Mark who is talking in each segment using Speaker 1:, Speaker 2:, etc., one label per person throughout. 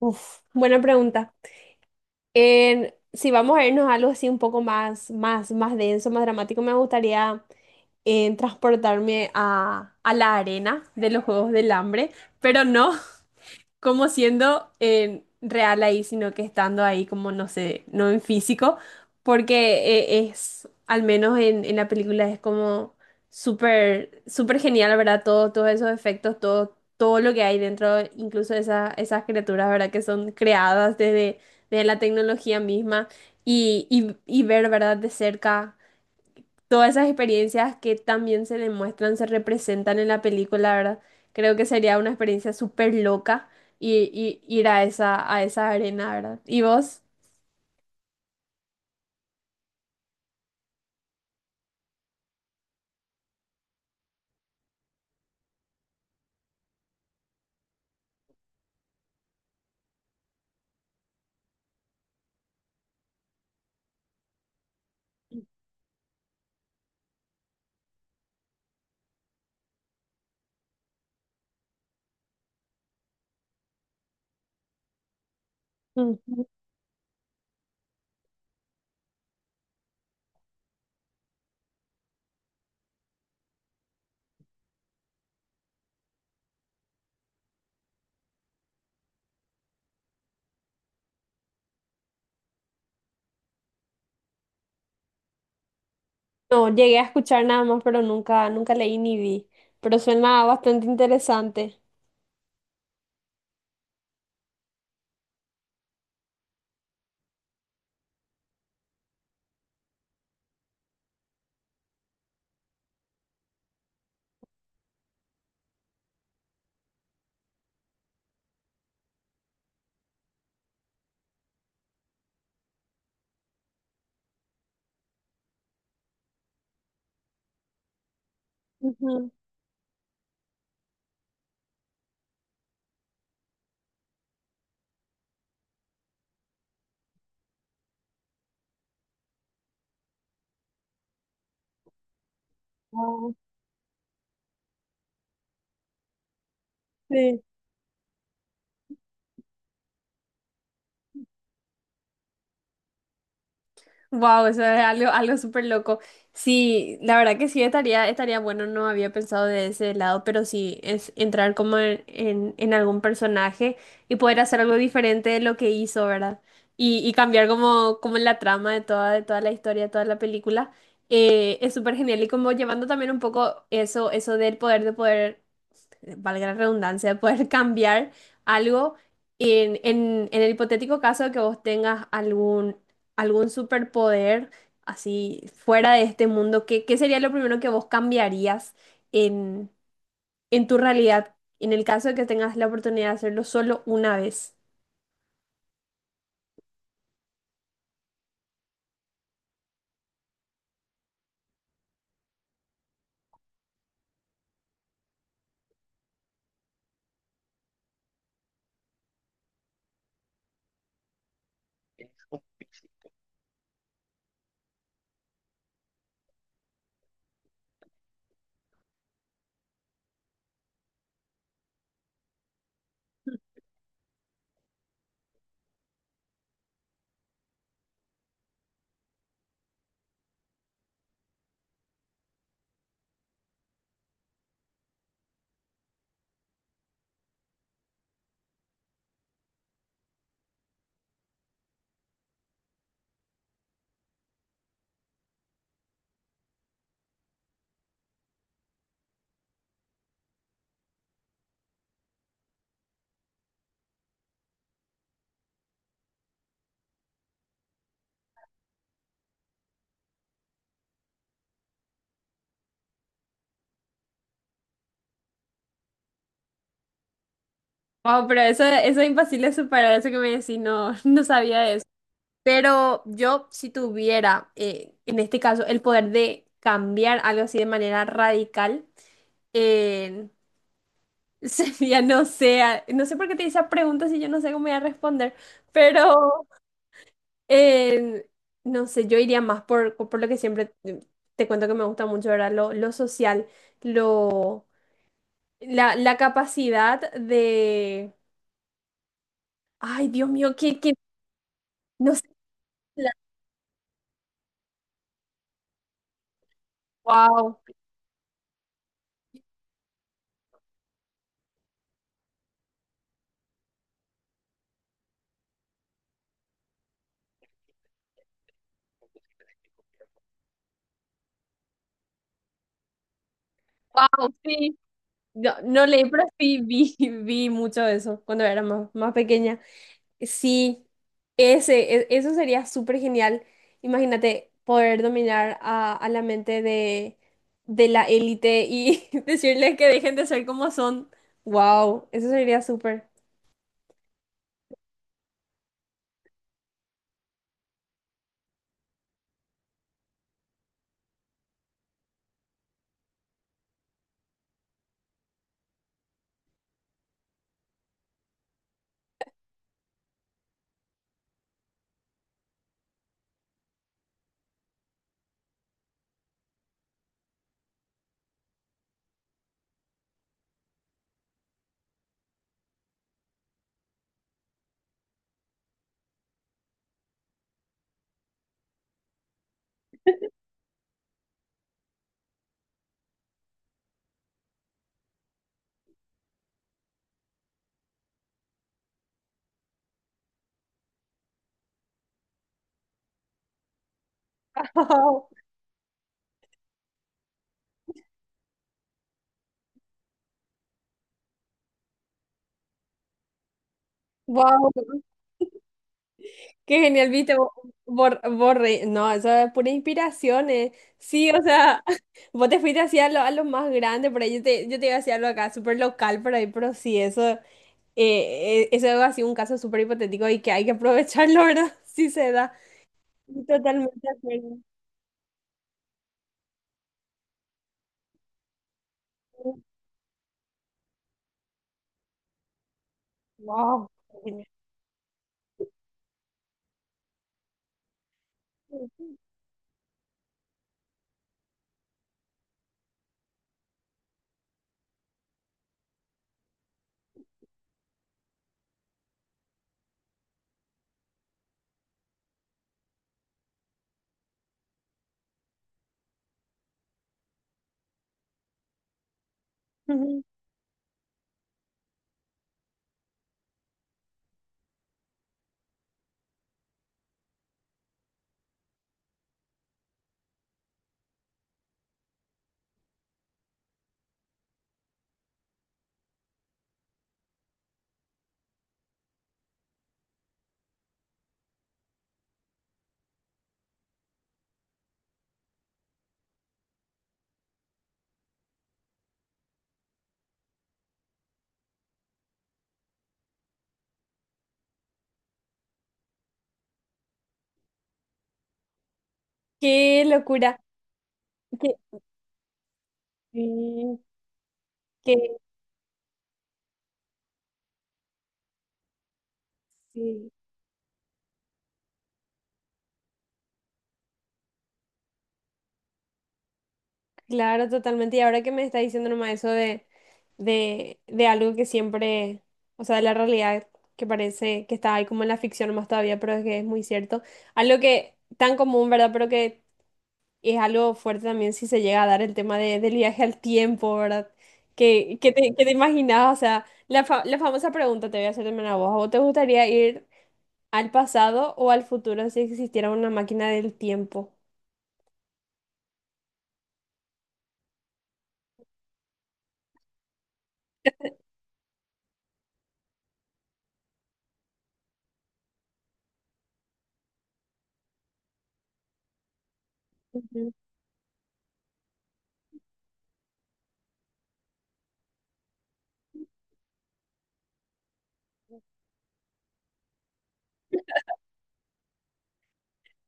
Speaker 1: Uf, buena pregunta. Si vamos a irnos a algo así un poco más, más denso, más dramático, me gustaría transportarme a la arena de los Juegos del Hambre, pero no, como siendo real ahí, sino que estando ahí como, no sé, no en físico, porque es, al menos en la película, es como súper genial, ¿verdad? Todo, todos esos efectos, todo, todo lo que hay dentro, incluso esas criaturas, ¿verdad? Que son creadas desde la tecnología misma y ver, ¿verdad? De cerca todas esas experiencias que también se demuestran, se representan en la película, ¿verdad? Creo que sería una experiencia súper loca y ir a esa arena, ¿verdad? ¿Y vos? Ujú. No, llegué a escuchar nada más, pero nunca, nunca leí ni vi. Pero suena bastante interesante. Ujú. Ah, sí. Wow, eso es algo, algo súper loco. Sí, la verdad que sí estaría, estaría bueno, no había pensado de ese lado, pero sí es entrar como en algún personaje y poder hacer algo diferente de lo que hizo, ¿verdad? Y cambiar como, como la trama de toda la historia, de toda la película. Es súper genial y como llevando también un poco eso, eso del poder de poder valga la redundancia, poder cambiar algo en, en el hipotético caso de que vos tengas algún, algún superpoder así fuera de este mundo, ¿qué, qué sería lo primero que vos cambiarías en, en tu realidad en el caso de que tengas la oportunidad de hacerlo solo una vez? Wow, pero eso es imposible de superar, eso que me decís, no, no sabía de eso. Pero yo, si tuviera, en este caso, el poder de cambiar algo así de manera radical, ya no sé, no sé por qué te hice esa pregunta si yo no sé cómo voy a responder, pero eh, no sé, yo iría más por lo que siempre te te cuento que me gusta mucho, ¿verdad? Lo social, lo, la capacidad de... Ay, Dios mío, que, no sé, wow, wow, sí, no, no leí, pero sí vi, vi mucho eso cuando era más, más pequeña. Sí, ese, eso sería súper genial. Imagínate poder dominar a la mente de la élite y decirles que dejen de ser como son. Wow, eso sería súper. Wow, wow, qué genial, viste, borre. No, eso es pura inspiración, eh. Sí, o sea, vos te fuiste hacia lo, a lo más grande, por ahí yo te iba hacia lo acá, súper local por ahí, pero sí, eso. Eso ha sido un caso súper hipotético y que hay que aprovecharlo, ¿verdad? Si se da. Totalmente de acuerdo. Wow. Ujú. Qué locura. Que, sí, que- sí, claro, totalmente. Y ahora que me está diciendo nomás eso de, de algo que siempre, o sea, de la realidad que parece que está ahí como en la ficción nomás todavía, pero es que es muy cierto. Algo que tan común, ¿verdad? Pero que es algo fuerte también si se llega a dar el tema del viaje al tiempo, ¿verdad? ¿Qué, qué te imaginabas? O sea, la, la famosa pregunta te voy a hacer también a vos. ¿A vos te gustaría ir al pasado o al futuro si existiera una máquina del tiempo? Ujú.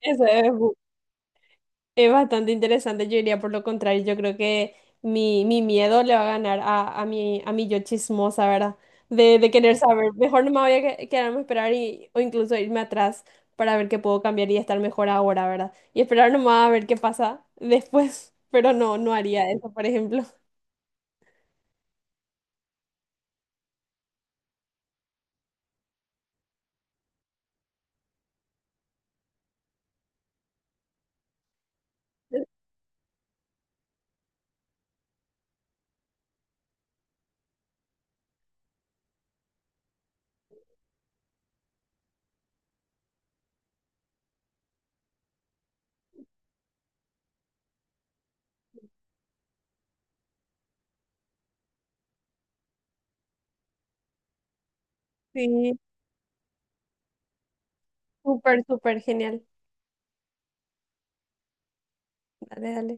Speaker 1: Eso es bastante interesante, yo diría por lo contrario, yo creo que mi miedo le va a ganar a mi yo chismosa, ¿verdad? De querer saber, mejor no me voy a quedarme a esperar y, o incluso irme atrás para ver qué puedo cambiar y estar mejor ahora, ¿verdad? Y esperar nomás a ver qué pasa después, pero no, no haría eso, por ejemplo. Sí, súper, súper genial. Dale, dale.